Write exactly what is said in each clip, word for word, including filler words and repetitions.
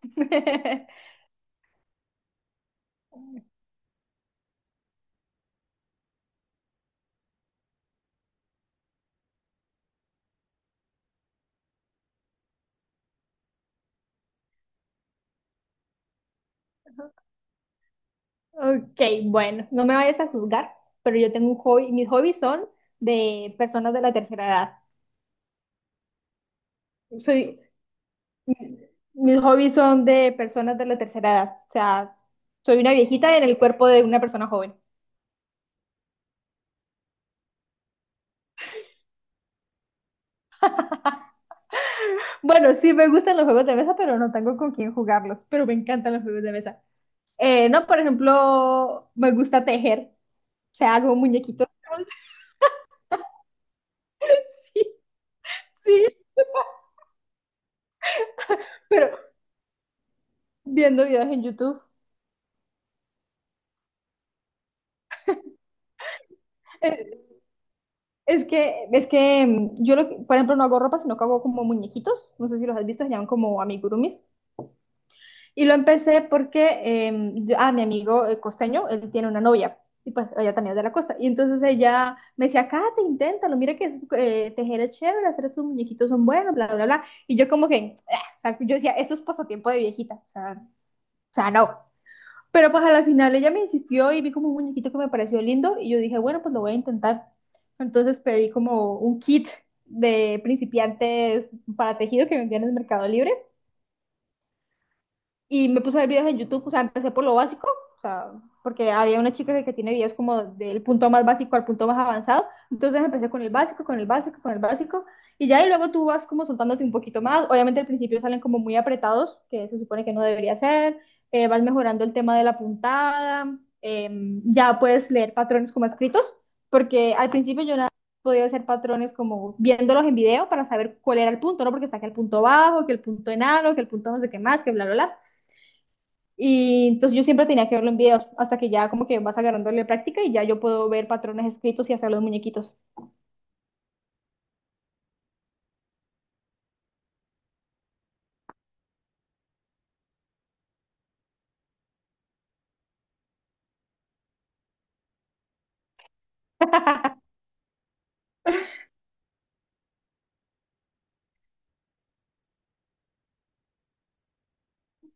Ok, bueno, no me vayas a juzgar, pero yo tengo un hobby, mis hobbies son de personas de la tercera edad. Soy, mi- Mis hobbies son de personas de la tercera edad, o sea, soy una viejita en el cuerpo de una persona joven. Bueno, sí me gustan los juegos de mesa, pero no tengo con quién jugarlos, pero me encantan los juegos de mesa. Eh, no, por ejemplo, me gusta tejer, o sea, hago muñequitos. Sí, pero viendo videos en YouTube. Eh, Es que, es que mm, yo, lo Por ejemplo, no hago ropa, sino que hago como muñequitos. No sé si los has visto, se llaman como amigurumis. Y lo empecé porque eh, yo- ah, mi amigo eh, costeño, él tiene una novia. Y pues ella también es de la costa. Y entonces ella me decía, Kate, inténtalo, mira que eh, tejer es chévere, hacer estos muñequitos son buenos, bla, bla, bla. Y yo como que, "Ah", o sea, yo decía, eso es pasatiempo de viejita. O sea, o sea, no. Pero pues a la final ella me insistió y vi como un muñequito que me pareció lindo y yo dije, bueno, pues lo voy a intentar. Entonces pedí como un kit de principiantes para tejido que vendían en el Mercado Libre y me puse a ver videos en YouTube, o sea, empecé por lo básico, o sea, porque había una chica que, que tiene videos como del punto más básico al punto más avanzado, entonces empecé con el básico, con el básico, con el básico, y ya y luego tú vas como soltándote un poquito más, obviamente al principio salen como muy apretados, que se supone que no debería ser, eh, vas mejorando el tema de la puntada, eh, ya puedes leer patrones como escritos, porque al principio yo nada podía hacer patrones como viéndolos en video para saber cuál era el punto, ¿no? Porque está que el punto bajo, que el punto enano, que el punto no sé qué más, que bla, bla, bla. Y entonces yo siempre tenía que verlo en videos hasta que ya como que vas agarrándole práctica y ya yo puedo ver patrones escritos y hacer los muñequitos.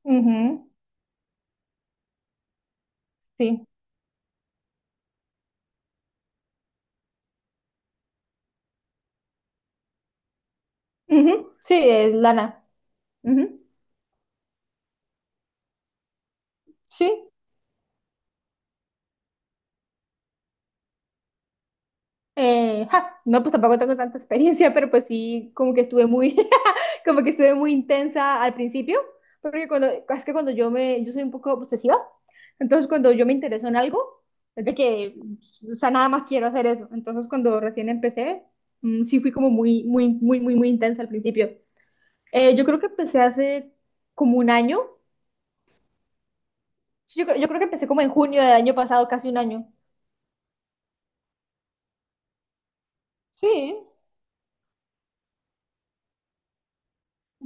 Ujú, sí. Ujú, sí, es lana. Ujú, sí. Eh, ja, no, pues tampoco tengo tanta experiencia, pero pues sí, como que estuve muy, como que estuve muy intensa al principio, porque cuando, es que cuando yo me, yo soy un poco obsesiva, entonces cuando yo me intereso en algo, es de que, o sea, nada más quiero hacer eso. Entonces cuando recién empecé, mm, sí fui como muy, muy, muy, muy, muy intensa al principio. Eh, yo creo que empecé hace como un año. Sí, yo, creo- yo creo que empecé como en junio del año pasado, casi un año. Sí,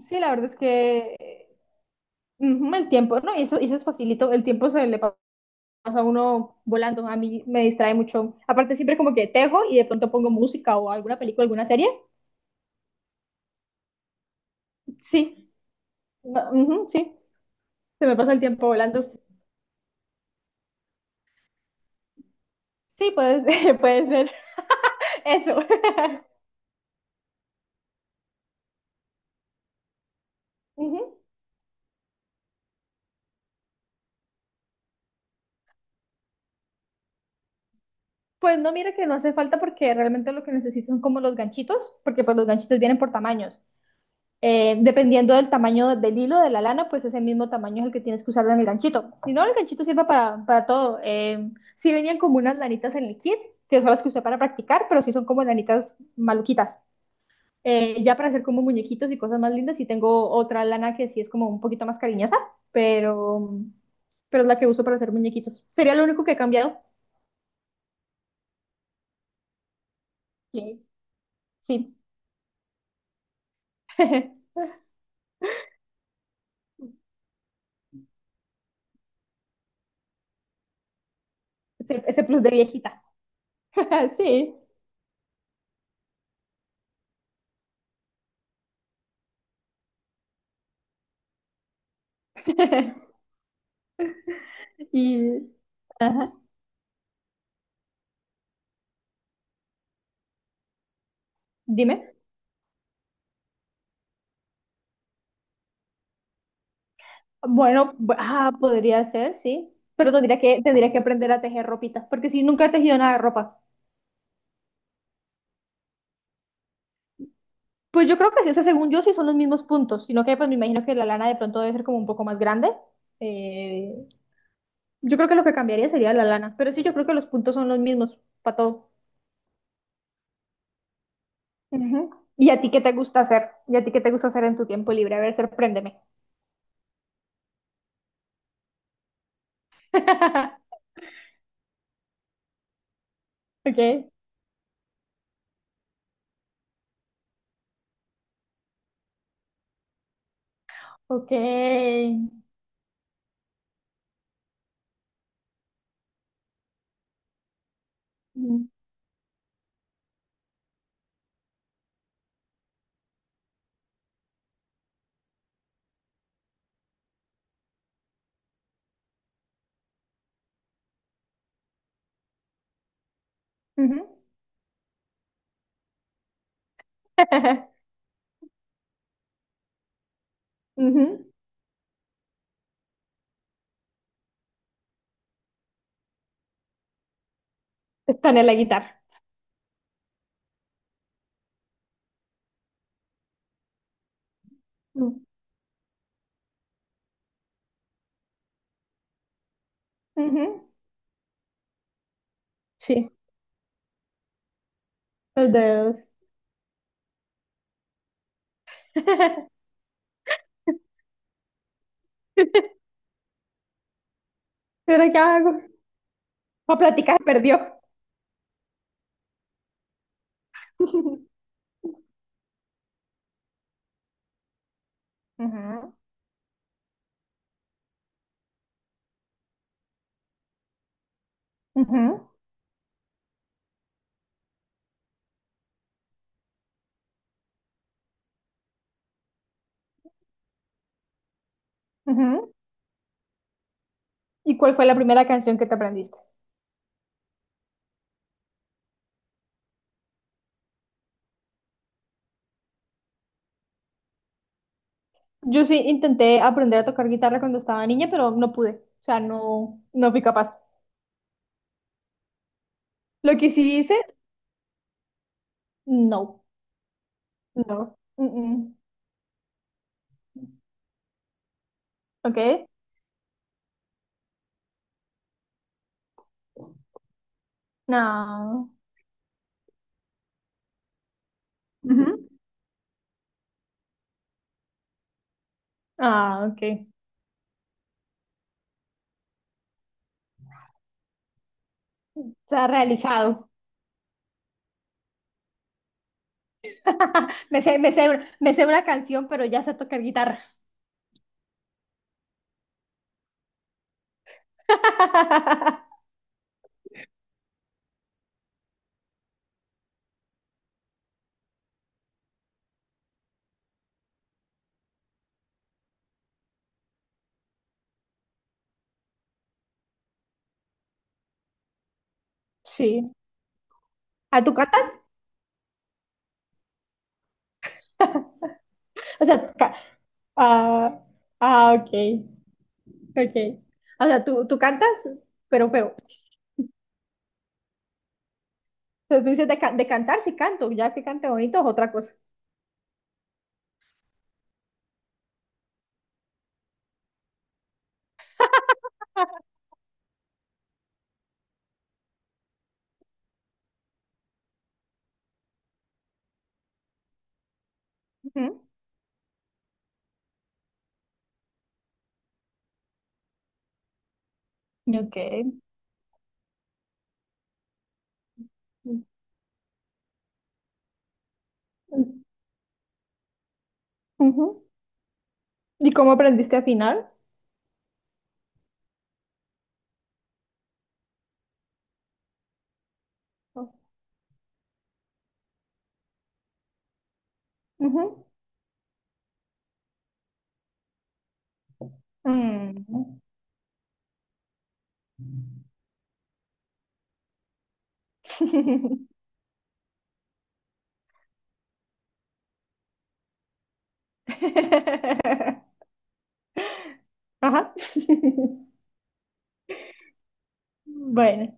sí, la verdad es que ujú. El tiempo, ¿no? Y eso, y eso es facilito. El tiempo se le pa- Pasa a uno volando. A mí me distrae mucho. Aparte, siempre como que tejo y de pronto pongo música o alguna película, alguna serie. Sí, ma- ujú, sí, se me pasa el tiempo volando. Sí, puede ser, puede ser. Eso. Ujú. Pues no, mira que no hace falta porque realmente lo que necesito son como los ganchitos, porque pues los ganchitos vienen por tamaños. Eh, dependiendo del tamaño del hilo de la lana, pues ese mismo tamaño es el que tienes que usar en el ganchito. Si no, el ganchito sirve para, para todo. Eh, sí venían como unas lanitas en el kit, que son las que usé para practicar, pero sí son como lanitas maluquitas. Eh, ya para hacer como muñequitos y cosas más lindas, sí tengo otra lana que sí es como un poquito más cariñosa, pero, pero es la que uso para hacer muñequitos. Sería lo único que he cambiado. Sí. Sí. Ese, ese plus de viejita. Sí. Y, ajá. Dime. Bueno, bu- ah, podría ser, sí. Pero tendría que, tendría que aprender a tejer ropitas, porque si nunca he tejido nada de ropa. Pues yo creo que sí, o sea, según yo sí son los mismos puntos, sino que pues me imagino que la lana de pronto debe ser como un poco más grande. Eh, yo creo que lo que cambiaría sería la lana, pero sí, yo creo que los puntos son los mismos para todo. Ujú. ¿Y a ti qué te gusta hacer? ¿Y a ti qué te gusta hacer en tu tiempo libre? A ver, sorpréndeme. Ok, ok. Mm, ujú. Ujú. Está en la guitarra. Mm, ujú. Sí. Los dedos. ¿Pero qué hago? La plática se perdió. Ujú, ujú, ujú. ¿Y cuál fue la primera canción que te aprendiste? Yo sí intenté aprender a tocar guitarra cuando estaba niña, pero no pude. O sea, no, no fui capaz. Lo que sí hice, no, no. Mm, mm. ¿Ok? No. Ujú. Ah, ok. Está realizado. Me sé, me sé, me sé una canción, pero ya sé tocar guitarra. Sí. ¿A tú cantas? O sea, ah, ah, ok, ok. O sea, tú, tú cantas, pero feo. O sea, tú dices de, ca- de cantar, sí canto, ya que cante bonito es otra cosa. Ujú. Ok. Mm, ujú. ¿Y cómo aprendiste a afinar? Ujú. Mm. Ajá. Bueno.